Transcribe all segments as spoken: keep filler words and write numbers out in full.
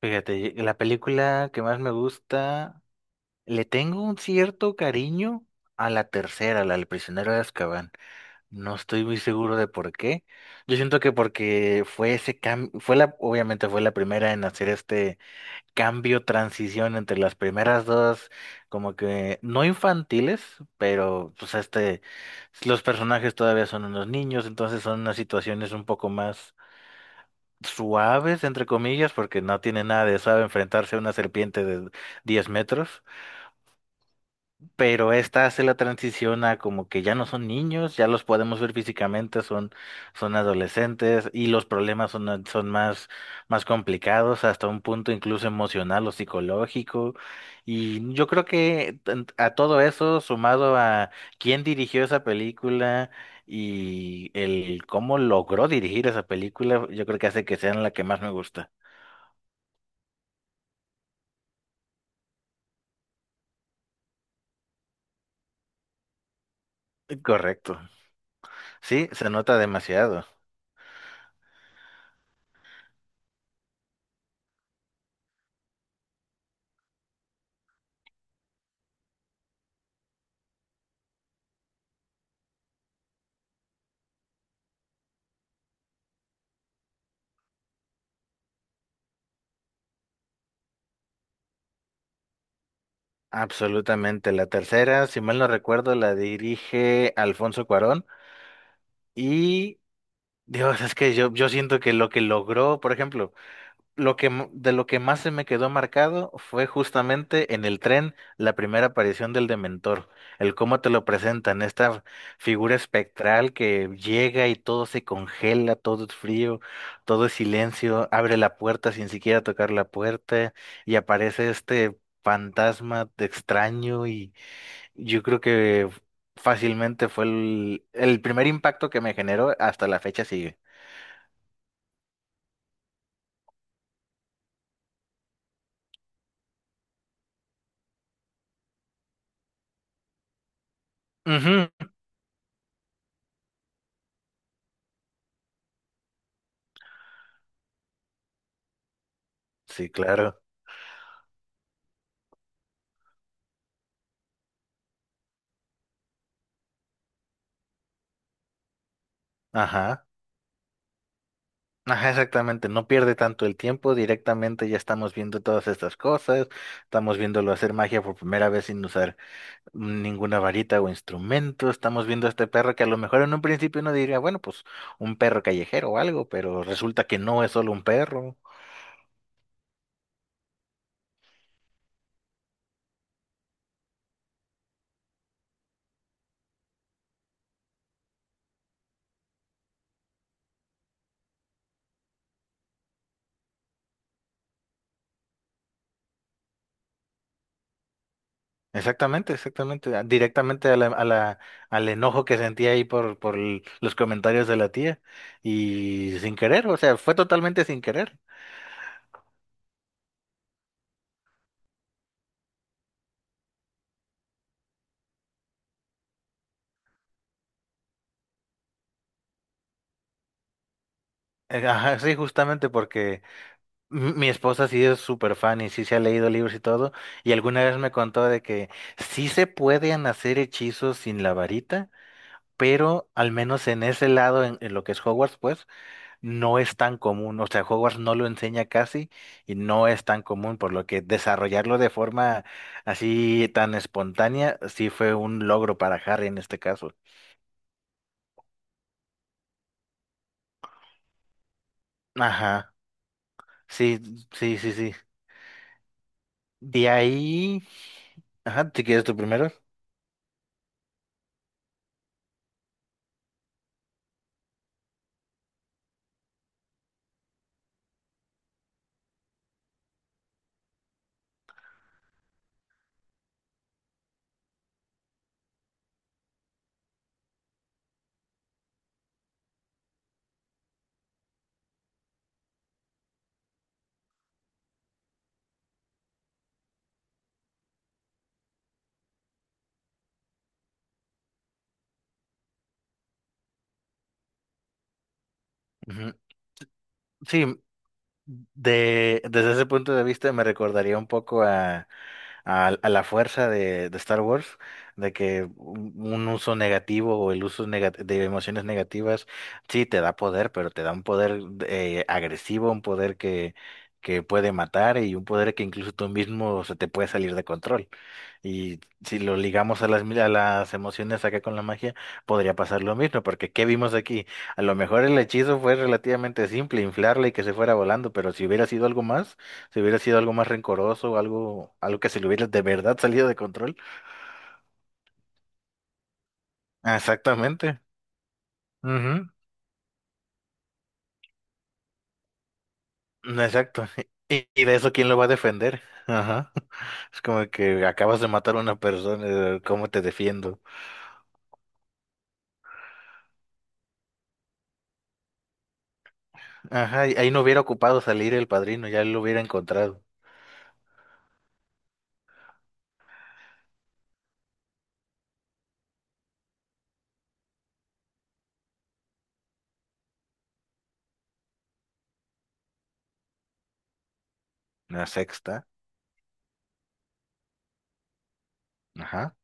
Fíjate, la película que más me gusta, le tengo un cierto cariño a la tercera, la del prisionero de Azkaban. No estoy muy seguro de por qué. Yo siento que porque fue ese cambio, fue la, obviamente fue la primera en hacer este cambio, transición entre las primeras dos, como que no infantiles, pero pues este, los personajes todavía son unos niños, entonces son unas situaciones un poco más suaves, entre comillas, porque no tiene nada de suave enfrentarse a una serpiente de diez metros, pero esta hace la transición a como que ya no son niños, ya los podemos ver físicamente, son, son adolescentes y los problemas son, son más, más complicados hasta un punto incluso emocional o psicológico. Y yo creo que tan- a todo eso, sumado a quién dirigió esa película, y el cómo logró dirigir esa película, yo creo que hace que sean la que más me gusta. Correcto. Sí, se nota demasiado. Absolutamente. La tercera, si mal no recuerdo, la dirige Alfonso Cuarón y Dios, es que yo, yo siento que lo que logró, por ejemplo, Lo que, m- de lo que más se me quedó marcado fue justamente en el tren la primera aparición del Dementor, el cómo te lo presentan, esta figura espectral que llega y todo se congela, todo es frío, todo es silencio, abre la puerta sin siquiera tocar la puerta y aparece este fantasma de extraño y yo creo que fácilmente fue el, el primer impacto que me generó, hasta la fecha sigue. Ujú. Sí, claro. Ajá. Ajá, exactamente, no pierde tanto el tiempo, directamente ya estamos viendo todas estas cosas, estamos viéndolo hacer magia por primera vez sin usar ninguna varita o instrumento, estamos viendo a este perro que a lo mejor en un principio uno diría, bueno, pues un perro callejero o algo, pero resulta que no es solo un perro. Exactamente, exactamente, a- directamente a la, a la, al enojo que sentía ahí por, por l- los comentarios de la tía y sin querer, o sea, fue totalmente sin querer. Eh, Ajá, sí, justamente porque... M- Mi esposa sí es súper fan y sí se ha leído libros y todo, y alguna vez me contó de que sí se pueden hacer hechizos sin la varita, pero al menos en ese lado, en, en lo que es Hogwarts, pues no es tan común, o sea, Hogwarts no lo enseña casi y no es tan común, por lo que desarrollarlo de forma así tan espontánea sí fue un logro para Harry en este caso. Ajá, sí, sí, sí, sí. De ahí, ajá, si quieres tú primero. Ujú. Sí, De, desde ese punto de vista me recordaría un poco a, a- a la fuerza de, de Star Wars, de que un, un uso negativo o el uso nega- de emociones negativas sí te da poder, pero te da un poder eh, agresivo, un poder que, que puede matar y un poder que incluso tú mismo se te puede salir de control. Y si lo ligamos a las, mil- a las emociones acá con la magia, podría pasar lo mismo, porque ¿qué vimos aquí? A lo mejor el hechizo fue relativamente simple, inflarla y que se fuera volando, pero si hubiera sido algo más, si hubiera sido algo más rencoroso, algo, algo que se le hubiera de verdad salido de control. Ah, exactamente. Ujú. No, exacto. Y, y de eso, ¿quién lo va a defender? Ajá. Es como que acabas de matar a una persona, eh, ¿cómo te defiendo? Ajá, y ahí no hubiera ocupado salir el padrino, ya lo hubiera encontrado. La sexta. Ajá,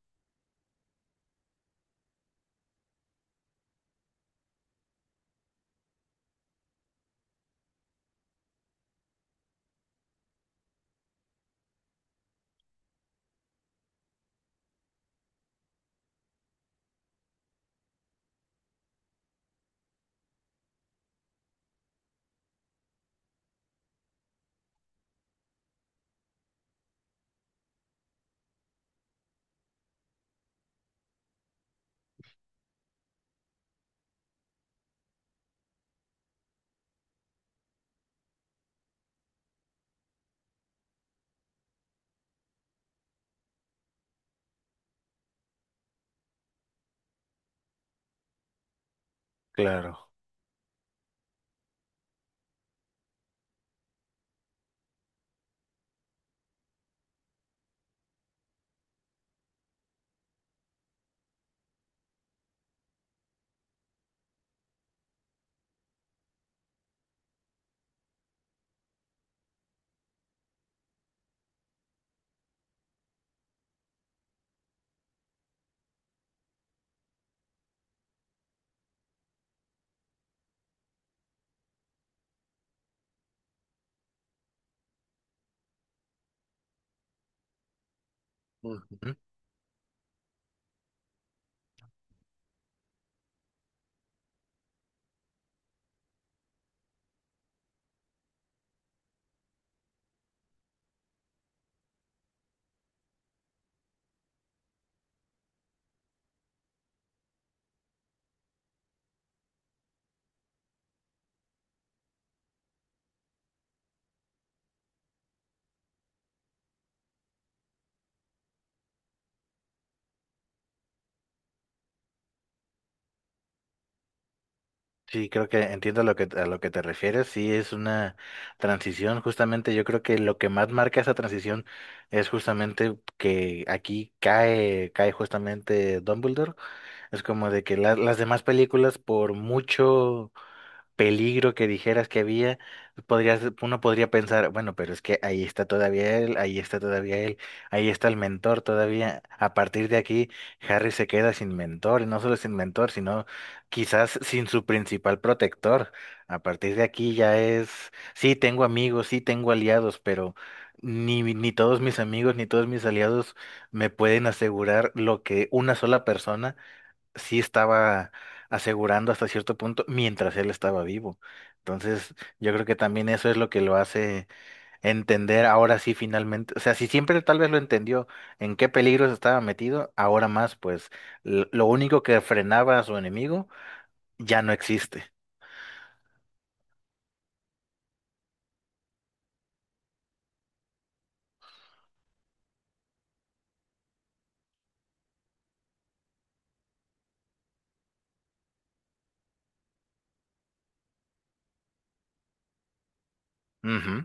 claro. Ujú. Sí, creo que entiendo lo que, a lo que te refieres. Sí, es una transición. Justamente yo creo que lo que más marca esa transición es justamente que aquí cae, cae justamente Dumbledore. Es como de que la- las demás películas, por mucho peligro que dijeras que había, podrías, uno podría pensar, bueno, pero es que ahí está todavía él, ahí está todavía él, ahí está el mentor todavía. A partir de aquí, Harry se queda sin mentor, y no solo sin mentor, sino quizás sin su principal protector. A partir de aquí ya es, sí, tengo amigos, sí, tengo aliados, pero ni, ni todos mis amigos, ni todos mis aliados me pueden asegurar lo que una sola persona sí estaba asegurando hasta cierto punto mientras él estaba vivo. Entonces, yo creo que también eso es lo que lo hace entender ahora sí finalmente, o sea, si siempre tal vez lo entendió en qué peligros estaba metido, ahora más, pues l- lo único que frenaba a su enemigo ya no existe. Ujú,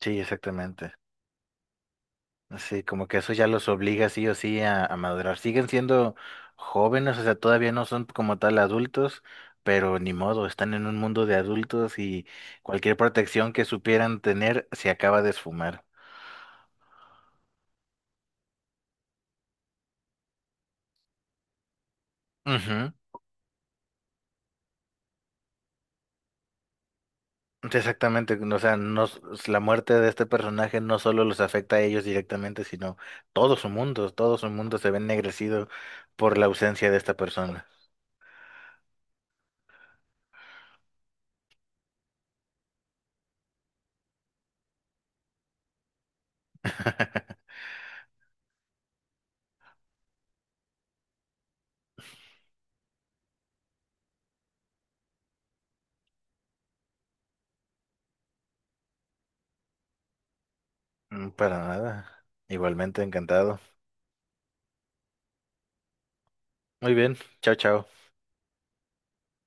sí, exactamente. Sí, como que eso ya los obliga sí o sí a, a madurar. Siguen siendo jóvenes, o sea, todavía no son como tal adultos, pero ni modo, están en un mundo de adultos y cualquier protección que supieran tener se acaba de esfumar. Ujú, exactamente, o sea, no, s- la muerte de este personaje no solo los afecta a ellos directamente, sino todo su mundo, todo su mundo se ve ennegrecido por la ausencia de esta persona. Mm, para nada. Igualmente encantado. Muy bien, chao, chao.